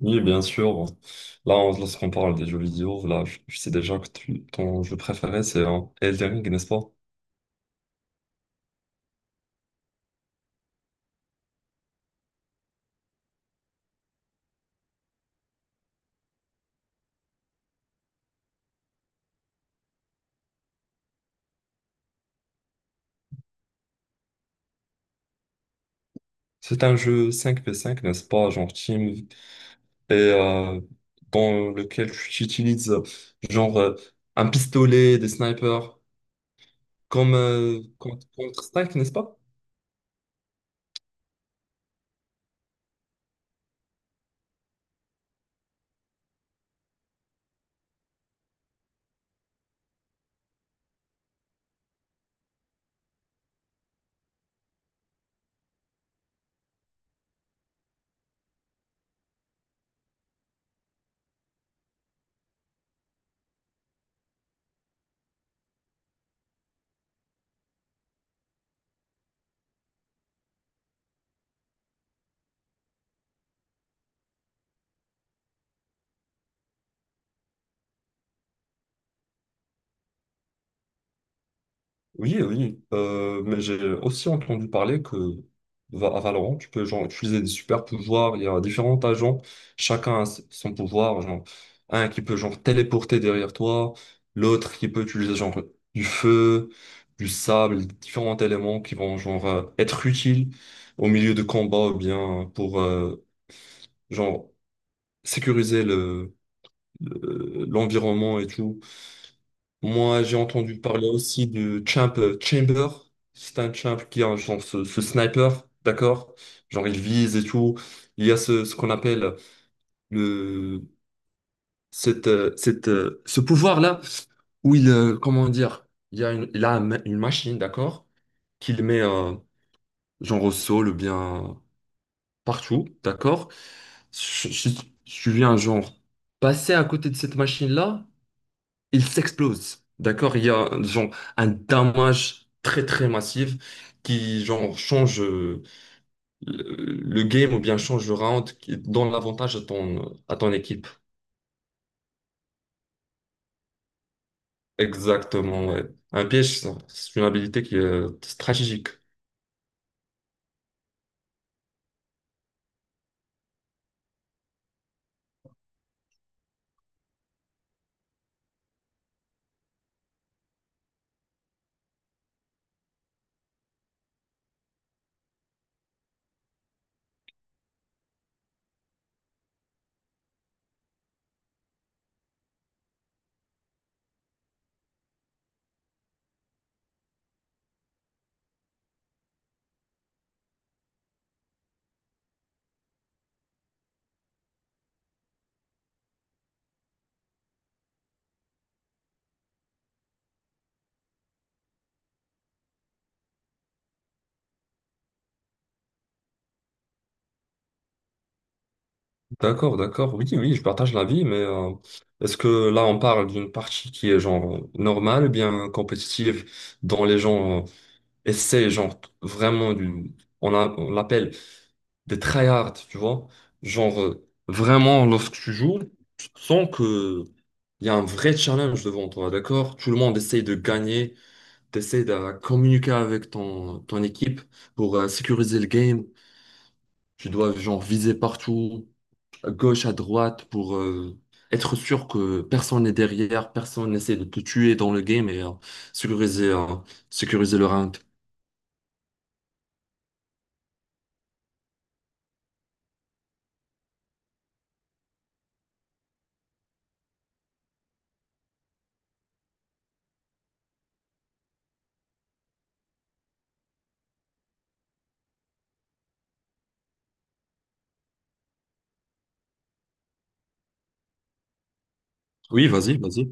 Oui, bien sûr. Là, lorsqu'on parle des jeux vidéo, là, je sais déjà que ton jeu préféré, c'est Elden Ring, n'est-ce pas? C'est un jeu 5v5, n'est-ce pas, genre team, et dans lequel tu utilises genre un pistolet, des snipers, comme Counter-Strike, n'est-ce pas? Oui, oui, mais j'ai aussi entendu parler que à Valorant, tu peux genre, utiliser des super pouvoirs. Il y a différents agents, chacun a son pouvoir. Genre, un qui peut genre téléporter derrière toi, l'autre qui peut utiliser genre du feu, du sable, différents éléments qui vont genre être utiles au milieu de combats ou bien pour genre sécuriser l'environnement et tout. Moi, j'ai entendu parler aussi de Champ Chamber. C'est un champ qui a genre ce sniper, d'accord? Genre il vise et tout. Il y a ce qu'on appelle le ce pouvoir-là où il comment dire? Il y a une, il a un ma- une machine, d'accord? Qu'il met genre au sol ou bien partout, d'accord? Si si- si tu viens genre passer à côté de cette machine-là, il s'explose. D'accord? Il y a genre un damage très très massif qui genre change le, le game ou bien change le round qui donne l'avantage à ton équipe. Exactement, ouais. Un piège, ça, c'est une habilité qui est stratégique. D'accord, d'accord. Oui, oui, je partage l'avis, mais est-ce que là on parle d'une partie qui est genre normale, bien compétitive, dont les gens essaient genre vraiment on l'appelle des tryhards, tu vois. Genre, vraiment, lorsque tu joues, tu sens que il y a un vrai challenge devant toi, d'accord? Tout le monde essaye de gagner, t'essayes de communiquer avec ton équipe pour sécuriser le game. Tu dois, genre, viser partout, à gauche, à droite, pour être sûr que personne n'est derrière, personne n'essaie de te tuer dans le game et sécuriser, euh, sécuriser le round. Oui, vas-y, vas-y.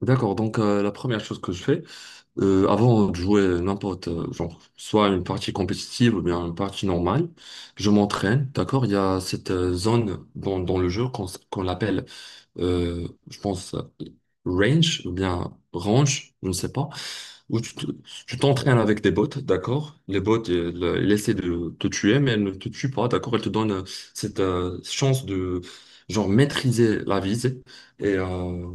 D'accord, donc la première chose que je fais, avant de jouer n'importe, genre, soit une partie compétitive ou bien une partie normale, je m'entraîne, d'accord? Il y a cette zone dans le jeu qu'on qu'on l'appelle, je pense, range ou bien range, je ne sais pas où tu t'entraînes avec des bots, d'accord? Les bots, elles essaient de te tuer, mais elles ne te tuent pas, d'accord? Elles te donnent cette chance de, genre, maîtriser la visée. Et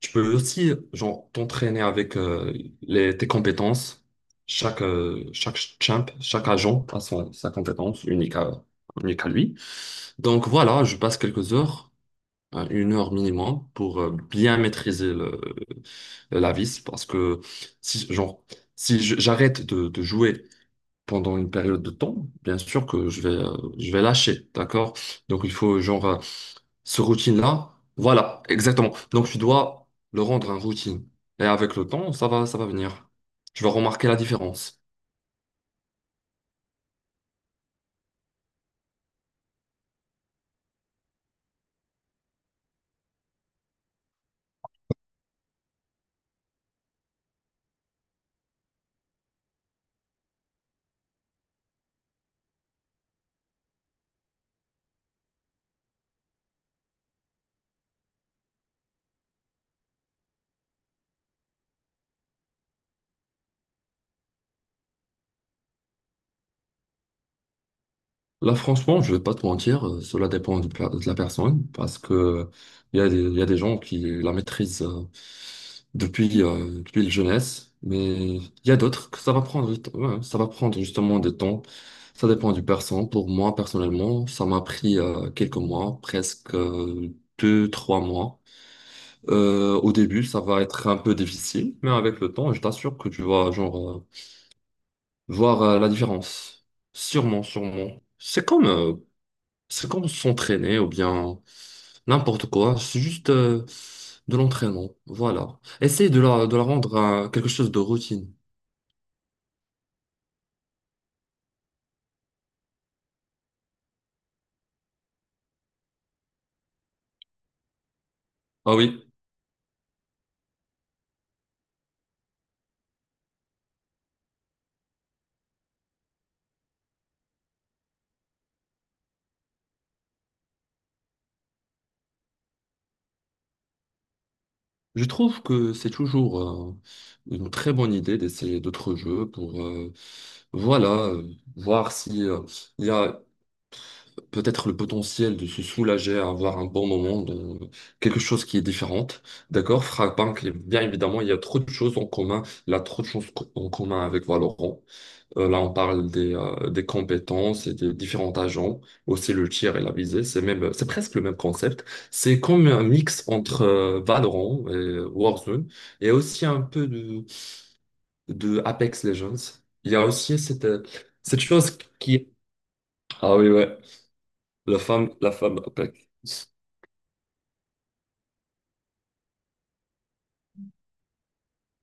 tu peux aussi, genre, t'entraîner avec tes compétences. Chaque champ, chaque agent a sa compétence unique à lui. Donc voilà, je passe quelques heures hein, une heure minimum pour bien maîtriser la vis. Parce que si, genre, si j'arrête de jouer pendant une période de temps, bien sûr que je vais lâcher, d'accord? Donc il faut, genre, ce routine-là, voilà, exactement. Donc tu dois le rendre un routine. Et avec le temps, ça va venir. Tu vas remarquer la différence. Là, franchement, je vais pas te mentir, cela dépend de la personne parce que il y a des gens qui la maîtrisent depuis la jeunesse, mais il y a d'autres que ça va prendre, du temps. Ouais, ça va prendre justement des temps. Ça dépend du personne. Pour moi, personnellement, ça m'a pris quelques mois, presque deux, trois mois. Au début, ça va être un peu difficile, mais avec le temps, je t'assure que tu vas genre voir la différence. Sûrement, sûrement. C'est comme s'entraîner ou bien n'importe quoi. C'est juste de l'entraînement. Voilà. Essaye de la rendre à quelque chose de routine. Ah oui, je trouve que c'est toujours euh, une très bonne idée d'essayer d'autres jeux pour voilà, voir si il y a peut-être le potentiel de se soulager, avoir un bon moment, dans quelque chose qui est différente. D'accord? Frappank, bien évidemment, il y a trop de choses en commun. Il y a trop de choses en commun avec Valorant. Là, on parle des compétences et des différents agents, aussi le tir et la visée. C'est même, c'est presque le même concept. C'est comme un mix entre Valorant et Warzone et aussi un peu de Apex Legends. Il y a aussi cette chose qui. Ah oui, ouais, la femme Apex.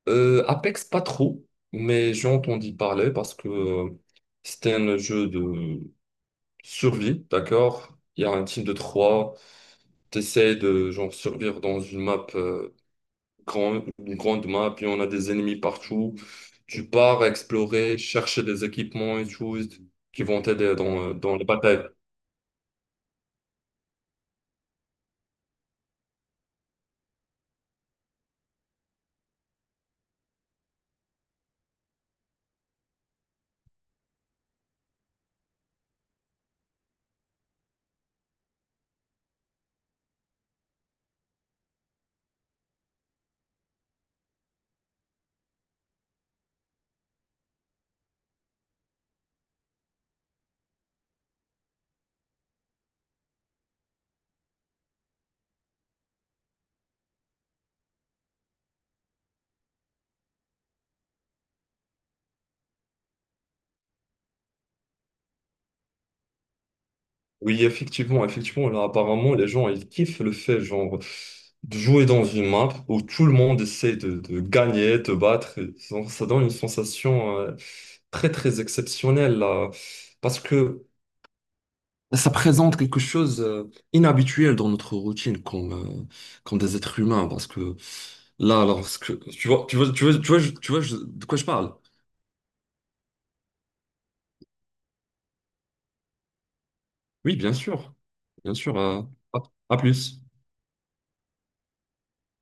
Apex, pas trop, mais j'ai entendu parler parce que c'était un jeu de survie, d'accord? Il y a un team de trois. T'essaies de genre survivre dans une map une grande map, puis on a des ennemis partout. Tu pars explorer, chercher des équipements et choses qui vont t'aider dans les batailles. Oui, effectivement, effectivement, là apparemment les gens ils kiffent le fait genre de jouer dans une map où tout le monde essaie de gagner, de battre. Et ça ça donne une sensation très très exceptionnelle là. Parce que ça présente quelque chose inhabituel dans notre routine comme des êtres humains parce que là lorsque tu vois, de quoi je parle. Oui, bien sûr. Bien sûr à, à plus.